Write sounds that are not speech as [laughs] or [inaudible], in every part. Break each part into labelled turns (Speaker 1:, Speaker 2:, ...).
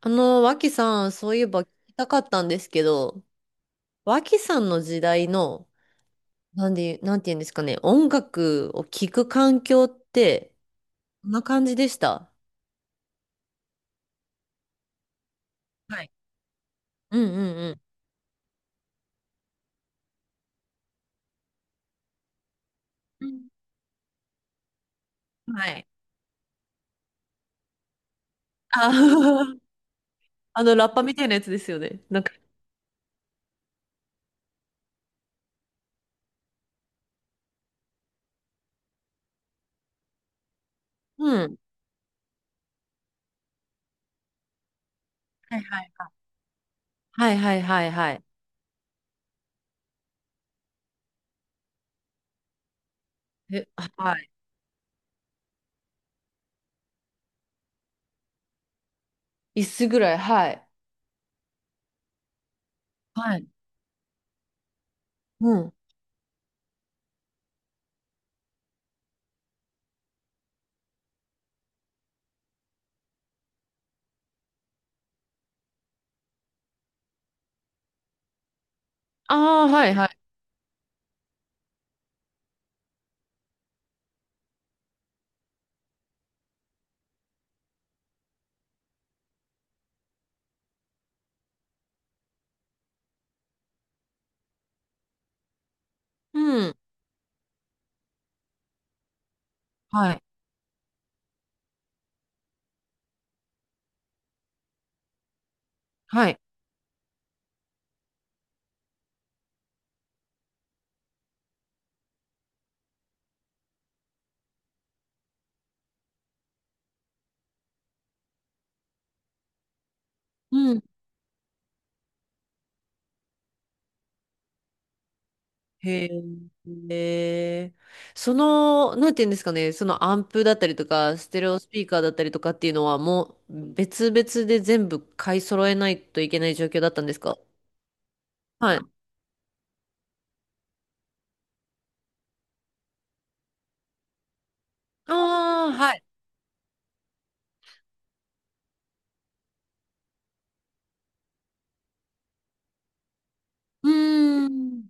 Speaker 1: 脇さん、そういえば聞きたかったんですけど、脇さんの時代の、なんて言うんですかね、音楽を聴く環境って、こんな感じでした。はい。うんうんうん。うんはい。あー [laughs] あの、ラッパみたいなやつですよね。なんか、うん。はいはいはいはいはいはい。え、はい。椅子ぐらい、はい。はい。うん。ああ、はいはい。うん。はい。はい。へえ。その、なんていうんですかね、そのアンプだったりとか、ステレオスピーカーだったりとかっていうのはもう別々で全部買い揃えないといけない状況だったんですか？はい。ああ、はい。うーん。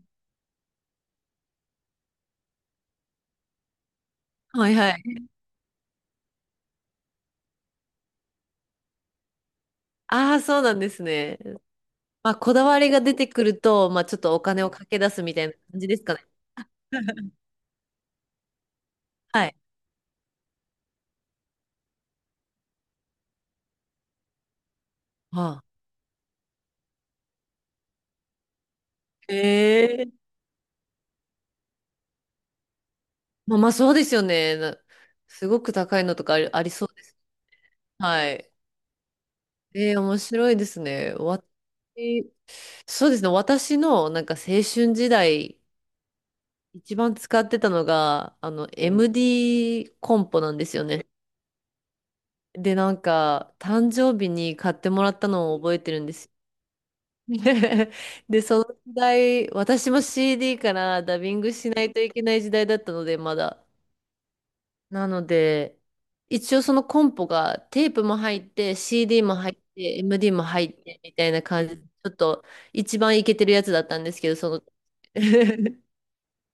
Speaker 1: はいはい。ああ、そうなんですね。まあ、こだわりが出てくると、まあ、ちょっとお金をかけ出すみたいな感じですかね。[laughs] はい。はあ。へえ。まあ、まあ、そうですよね。すごく高いのとかありそうです。はい。えー、面白いですね。そうですね。私のなんか青春時代、一番使ってたのが、あの、MD コンポなんですよね。で、なんか、誕生日に買ってもらったのを覚えてるんですよ。[laughs] で、その時代、私も CD からダビングしないといけない時代だったので、まだ。なので、一応そのコンポがテープも入って、CD も入って、MD も入ってみたいな感じで、ちょっと一番イケてるやつだったんですけど、その、[laughs]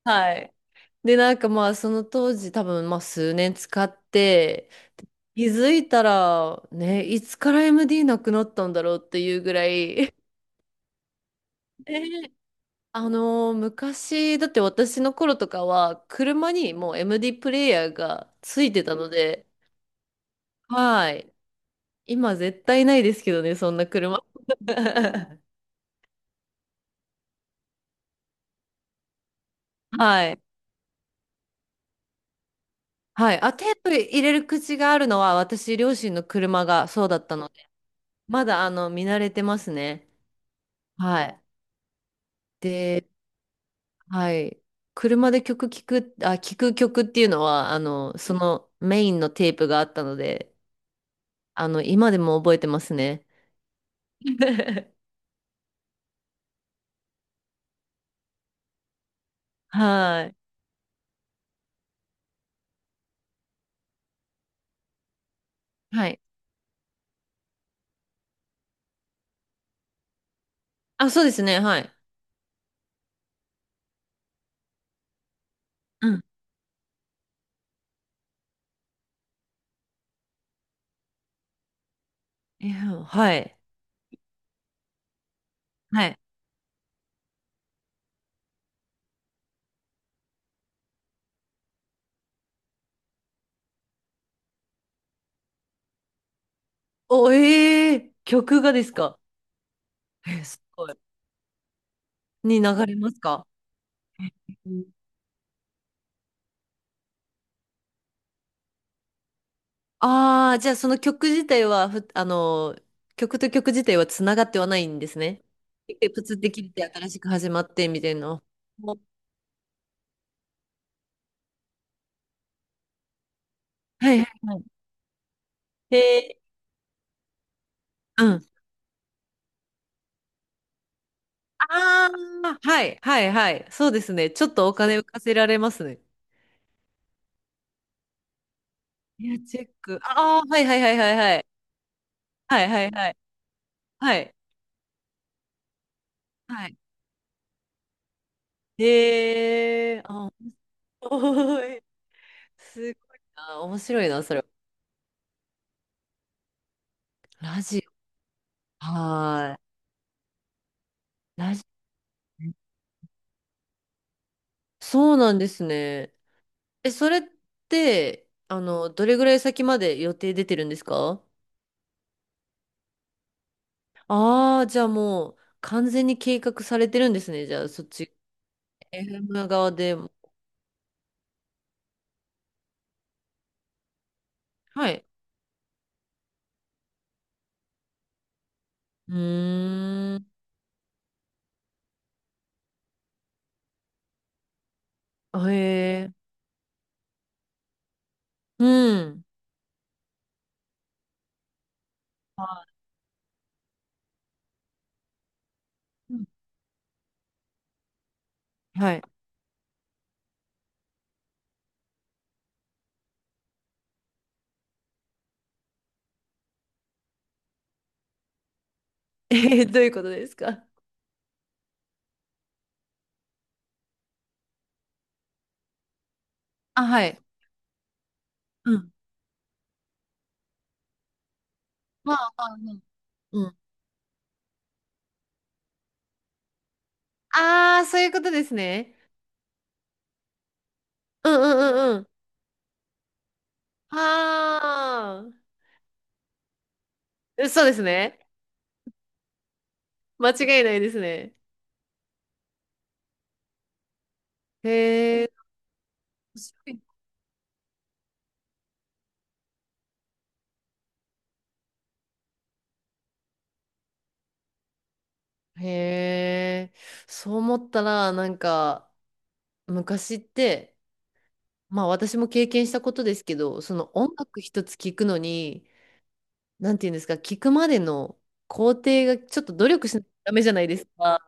Speaker 1: はい。で、なんかまあその当時多分まあ数年使って、気づいたら、ね、いつから MD なくなったんだろうっていうぐらい、ね、昔、だって私の頃とかは、車にもう MD プレイヤーがついてたので、はい。今絶対ないですけどね、そんな車。[laughs] はい。はい。あ、テープ入れる口があるのは、私、両親の車がそうだったので、まだ、あの、見慣れてますね。はい。で、はい。車で曲聞く、あ、聞く曲っていうのは、あの、そのメインのテープがあったので、あの、今でも覚えてますね。[laughs] はい。はい。あ、そうですね。はい。うん。いや、はい。はい。お、曲がですか？え、すごい。に流れますか？ああー、じゃあその曲自体はふ、あの、曲と曲自体はつながってはないんですね。でプツって切れて新しく始まってみたいな。もうはいはいはい。へーうん。ああ、はいはいはい。そうですね。ちょっとお金浮かせられますね。いや、チェック。ああ、はいはいはいはいはい。はいはいはい。はい。はい。へえ、あ、おーい。すごいな。面白いな、それ。ラジオ。はーい。ラジオね。そうなんですね。え、それって、あの、どれぐらい先まで予定出てるんですか？ああー、じゃあもう完全に計画されてるんですね。じゃあそっち、FM 側でも。はい。うーん。あへえ。うん。うんはい。[laughs] え、どういうことですか？あ、はい。うん。まあ、まあ、うんうん。ああ、そういうことですね。うんうんうんうん。ああ、そうですね。間違いないですね。へえ。へえ、そう思ったら、なんか、昔って、まあ私も経験したことですけど、その音楽一つ聞くのに、なんていうんですか、聞くまでの工程がちょっと努力しないとダメじゃないですか。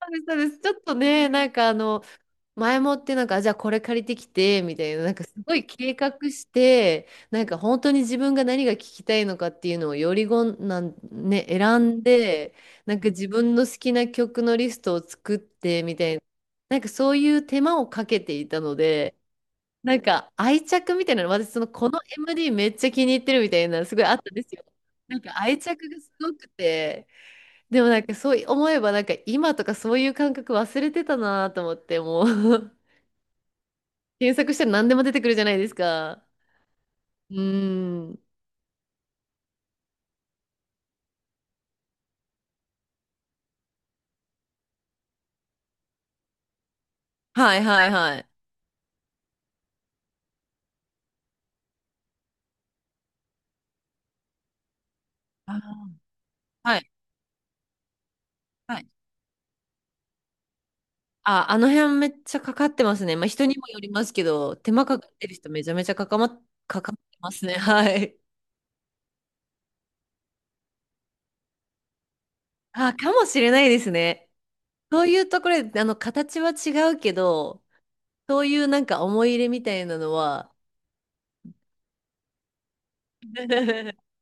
Speaker 1: そうです、そうです。ちょっとね、なんかあの、前もってなんか、あじゃあこれ借りてきて、みたいな、なんかすごい計画して、なんか本当に自分が何が聞きたいのかっていうのをよりごんなん、ね、選んで、なんか自分の好きな曲のリストを作って、みたいな、なんかそういう手間をかけていたので、なんか愛着みたいなの、私そのこの MD めっちゃ気に入ってるみたいな、すごいあったんですよ。なんか愛着がすごくて、でもなんかそう思えばなんか今とかそういう感覚忘れてたなと思ってもう検索したら何でも出てくるじゃないですか。うーん。はいはいはい。あ、はい。はい。あ、あの辺めっちゃかかってますね。まあ人にもよりますけど、手間かかってる人めちゃめちゃかかってますね。はい。あ、かもしれないですね。そういうところで、あの、形は違うけど、そういうなんか思い入れみたいなのは、[laughs]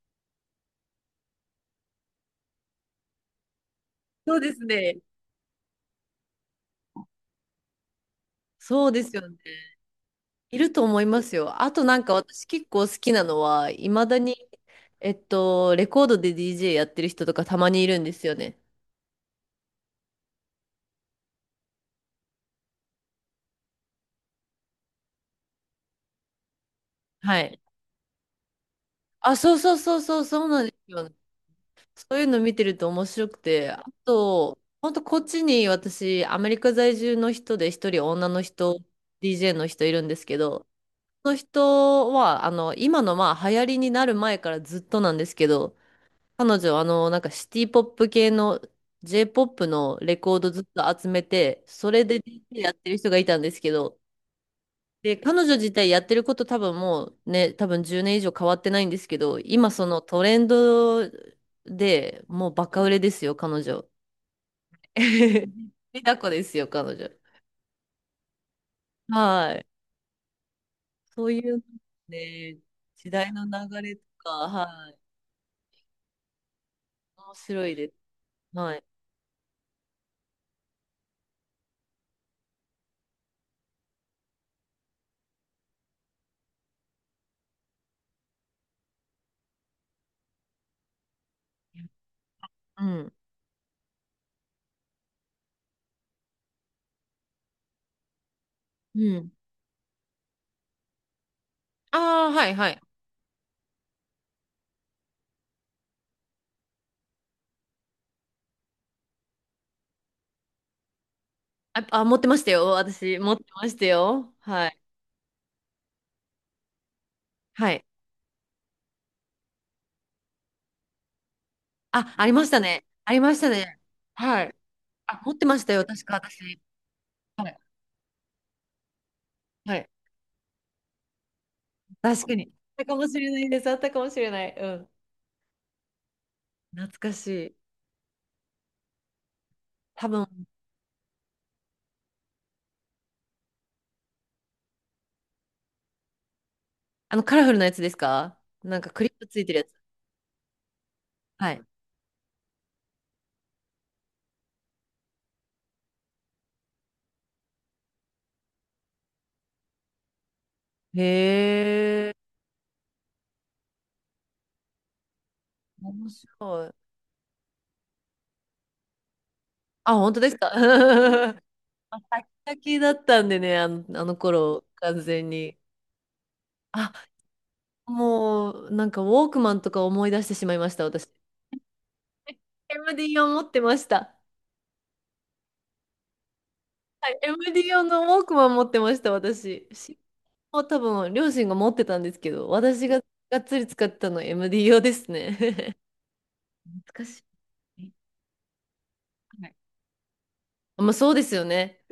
Speaker 1: そうですね。そうですよね。いると思いますよ。あとなんか私結構好きなのは、いまだに、えっと、レコードで DJ やってる人とかたまにいるんですよね。はい。あ、そうそうそうそう、そうなんですよ。そういうの見てると面白くて、あと、本当こっちに私、アメリカ在住の人で一人女の人、DJ の人いるんですけど、その人は、あの、今のまあ流行りになる前からずっとなんですけど、彼女、あの、なんかシティポップ系の J-POPのレコードずっと集めて、それで DJ やってる人がいたんですけど、で、彼女自体やってること多分もうね、多分10年以上変わってないんですけど、今そのトレンドでもうバカ売れですよ、彼女。[laughs] リタコですよ、彼女。はい。そういうね、時代の流れとか、はい。面白いです。はい。うん。うん。ああ、はいはい。あ、あ、持ってましたよ。私、持ってましたよ。はい。はい。あ、ありましたね。ありましたね。はい。あ、持ってましたよ。確か私。はい。はい。確かに。あったかもしれないです。あったかもしれない。うん。懐かしい。多分、あの、カラフルなやつですかなんかクリップついてるやつ。はい。へえ。面白い。あ、本当ですか？ [laughs] あ、先々だったんでね、あの、あの頃、完全に。あ、もう、なんか、ウォークマンとか思い出してしまいました、私。MD を持ってました。MD 用のウォークマン持ってました、私。もう多分、両親が持ってたんですけど、私ががっつり使ってたの MD 用ですね。[laughs] 懐かしい。はい、まあ、そうですよね。